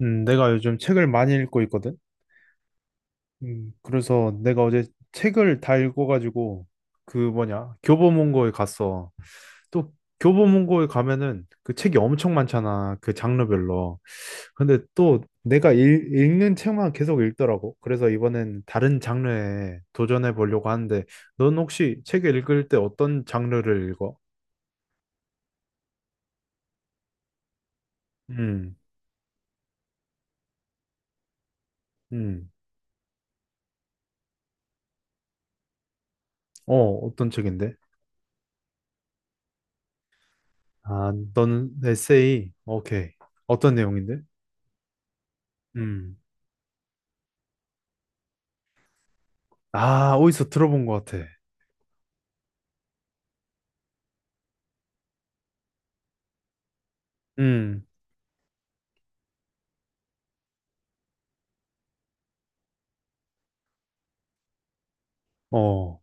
내가 요즘 책을 많이 읽고 있거든. 그래서 내가 어제 책을 다 읽어가지고 그 뭐냐 교보문고에 갔어. 또 교보문고에 가면은 그 책이 엄청 많잖아. 그 장르별로. 근데 또 내가 읽는 책만 계속 읽더라고. 그래서 이번엔 다른 장르에 도전해 보려고 하는데, 넌 혹시 책을 읽을 때 어떤 장르를 읽어? 음. 음. 어, 어떤 책인데? 아, 너는 에세이. 오케이. 어떤 내용인데? 음. 아, 어디서 들어본 것 같아. 음. 어.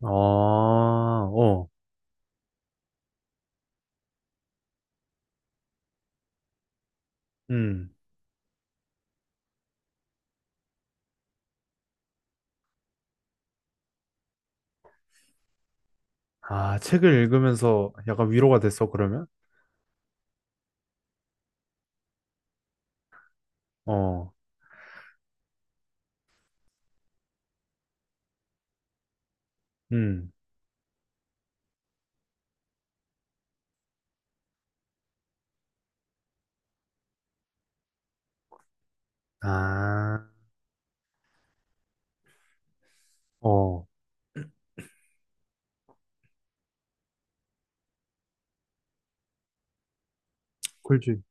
아. 어. 음. 아, 책을 읽으면서 약간 위로가 됐어, 그러면? 어. 음. 아. 어, 그렇지.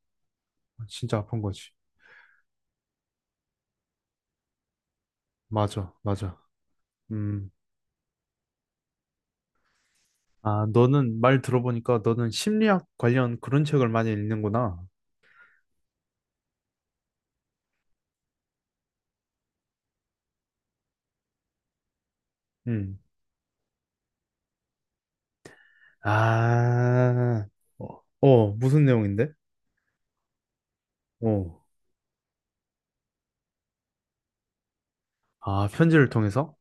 진짜 아픈 거지. 맞아, 맞아. 음. 아, 너는 말 들어보니까 너는 심리학 관련 그런 책을 많이 읽는구나. 음. 아, 어, 어, 무슨 내용인데? 어, 아, 편지를 통해서?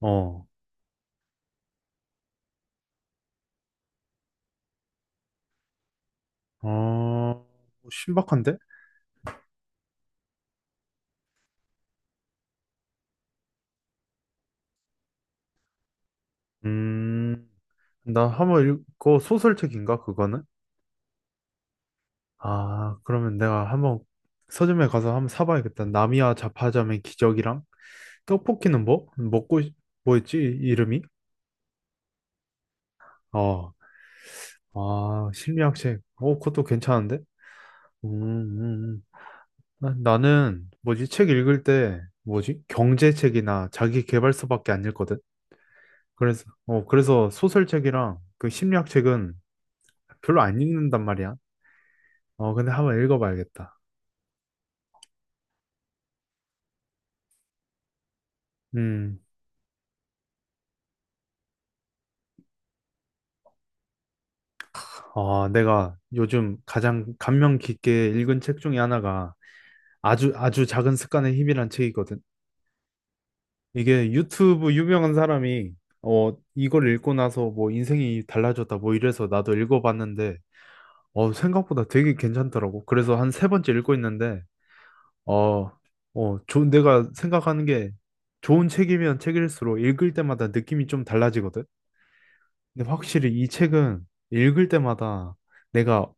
어, 어, 신박한데? 음, 나 한번 읽고 소설책인가 그거는? 아, 그러면 내가 한번 서점에 가서 한번 사봐야겠다. 나미와 자파자의 기적이랑 떡볶이는 뭐? 뭐였지 이름이? 어, 아, 심리학책. 어, 그것도 괜찮은데? 음, 음, 음. 나는 뭐지 책 읽을 때 뭐지 경제책이나 자기계발서밖에 안 읽거든. 그래서 소설책이랑 그 심리학책은 별로 안 읽는단 말이야. 어, 근데 한번 읽어봐야겠다. 음. 어, 내가 요즘 가장 감명 깊게 읽은 책 중에 하나가 아주 아주 작은 습관의 힘이란 책이거든. 이게 유튜브 유명한 사람이 어, 이걸 읽고 나서 뭐 인생이 달라졌다 뭐 이래서 나도 읽어봤는데, 어, 생각보다 되게 괜찮더라고. 그래서 한 세 번째 읽고 있는데, 어, 어, 좋은 내가 생각하는 게 좋은 책이면 책일수록 읽을 때마다 느낌이 좀 달라지거든. 근데 확실히 이 책은 읽을 때마다 내가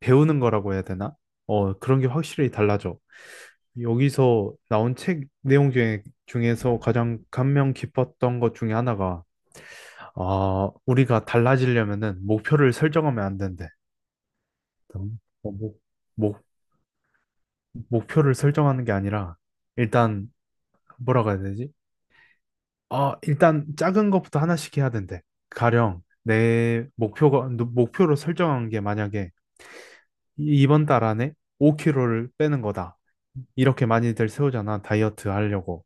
배우는 거라고 해야 되나? 어, 그런 게 확실히 달라져. 여기서 나온 책 내용 중에서 가장 감명 깊었던 것 중에 하나가, 아, 우리가 달라지려면은 목표를 설정하면 안 된대. 어, 목, 목표를 설정하는 게 아니라, 일단, 뭐라고 해야 되지? 아, 일단 작은 것부터 하나씩 해야 된대. 가령, 목표로 설정한 게 만약에 이번 달 안에 5kg를 빼는 거다. 이렇게 많이들 세우잖아, 다이어트 하려고.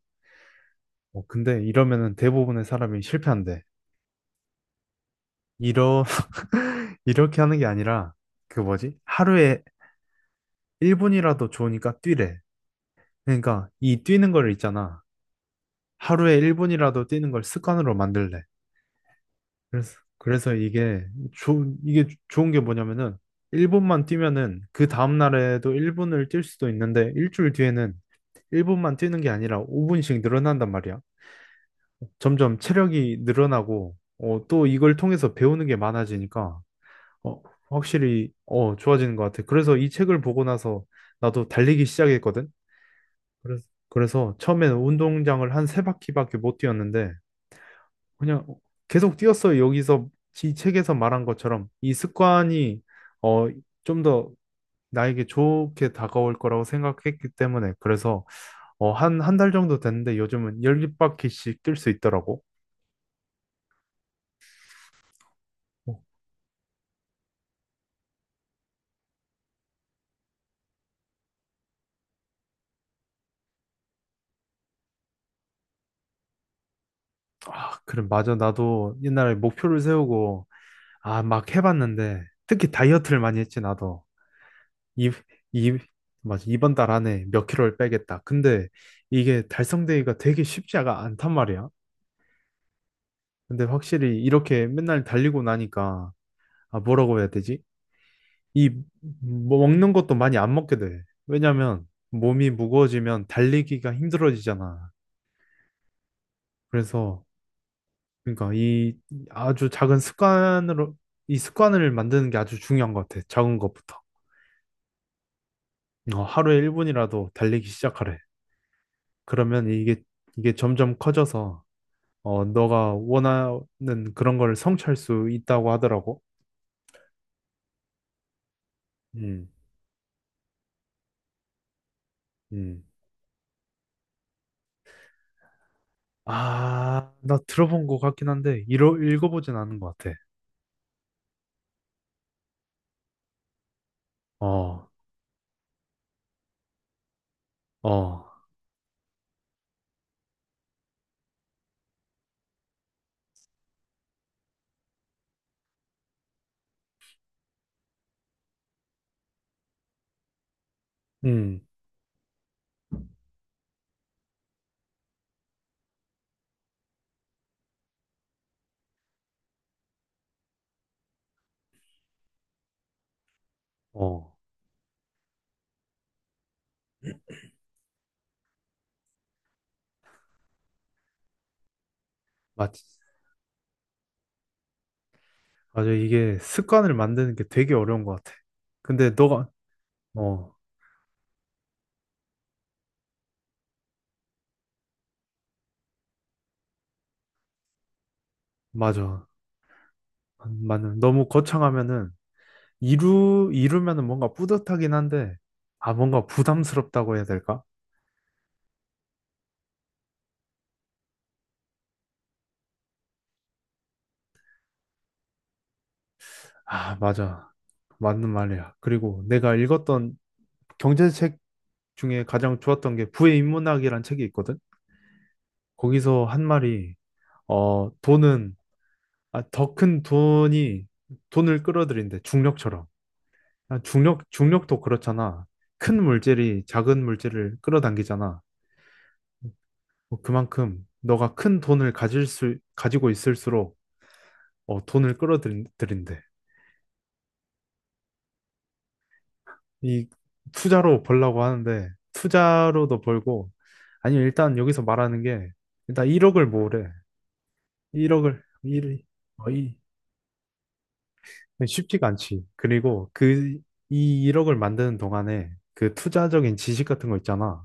어, 근데 이러면은 대부분의 사람이 실패한대. 이러, 이렇게 하는 게 아니라, 그 뭐지? 하루에 1분이라도 좋으니까 뛰래. 그러니까 이 뛰는 걸 있잖아. 하루에 1분이라도 뛰는 걸 습관으로 만들래. 그래서 이게, 좋 이게 좋은 게 뭐냐면은, 1분만 뛰면은 그 다음날에도 1분을 뛸 수도 있는데, 일주일 뒤에는 1분만 뛰는 게 아니라 5분씩 늘어난단 말이야. 점점 체력이 늘어나고, 어, 또 이걸 통해서 배우는 게 많아지니까, 어, 확실히, 어, 좋아지는 것 같아. 그래서 이 책을 보고 나서 나도 달리기 시작했거든. 그래서 처음에는 운동장을 한 세 바퀴밖에 못 뛰었는데, 그냥 계속 뛰었어. 여기서 이 책에서 말한 것처럼 이 습관이, 어, 좀 더 나에게 좋게 다가올 거라고 생각했기 때문에, 그래서 어, 한, 한 달 정도 됐는데 요즘은 10바퀴씩 뛸 수 있더라고. 어, 아, 그래, 맞아. 나도 옛날에 목표를 세우고, 아, 막 해봤는데, 특히 다이어트를 많이 했지, 나도. 이, 이, 맞아. 이번 달 안에 몇 킬로를 빼겠다. 근데 이게 달성되기가 되게 쉽지가 않단 말이야. 근데 확실히 이렇게 맨날 달리고 나니까, 아, 뭐라고 해야 되지? 이, 뭐 먹는 것도 많이 안 먹게 돼. 왜냐면 몸이 무거워지면 달리기가 힘들어지잖아. 그래서, 그러니까 이 아주 작은 습관으로 이 습관을 만드는 게 아주 중요한 것 같아. 작은 것부터. 어, 하루에 1분이라도 달리기 시작하래. 그러면 이게 점점 커져서 어, 너가 원하는 그런 걸 성취할 수 있다고 하더라고. 음. 음. 아, 나 들어본 것 같긴 한데 읽어보진 않은 것 같아. 어. 어. 음. 어. 맞. 맞아. 이게 습관을 만드는 게 되게 어려운 것 같아. 근데 너가. 어. 맞아. 맞는 너무 거창하면은 이루면은 뭔가 뿌듯하긴 한데, 아, 뭔가 부담스럽다고 해야 될까? 아, 맞아, 맞는 말이야. 그리고 내가 읽었던 경제책 중에 가장 좋았던 게 부의 인문학이란 책이 있거든. 거기서 한 말이 어, 돈은 아, 더 큰 돈이 돈을 끌어들인대, 중력처럼. 아, 중력도 그렇잖아. 큰 물질이 작은 물질을 끌어당기잖아. 뭐 그만큼 너가 큰 돈을 가질 수 가지고 있을수록, 어, 돈을 끌어들인대. 이 투자로 벌라고 하는데, 투자로도 벌고, 아니면 일단 여기서 말하는 게 일단 1억을 모으래. 1억을 1, 어, 이 쉽지가 않지. 그리고 이 1억을 만드는 동안에 그 투자적인 지식 같은 거 있잖아.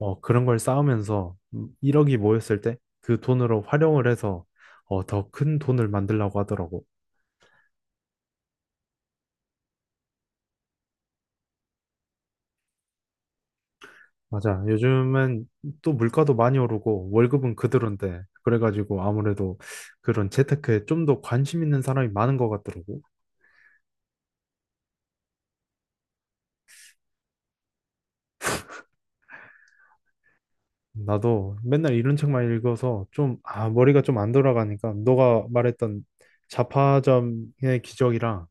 어, 그런 걸 쌓으면서 1억이 모였을 때 그 돈으로 활용을 해서, 어, 더 큰 돈을 만들라고 하더라고. 맞아. 요즘은 또 물가도 많이 오르고 월급은 그대로인데 그래가지고 아무래도 그런 재테크에 좀 더 관심 있는 사람이 많은 것 같더라고. 나도 맨날 이런 책만 읽어서 좀, 아, 머리가 좀 안 돌아가니까 너가 말했던 자파점의 기적이랑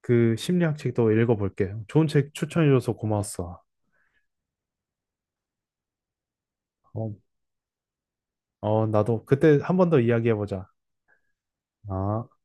그 심리학 책도 읽어볼게. 좋은 책 추천해줘서 고마웠어. 어, 어, 나도 그때 한 번 더 이야기해보자. 아.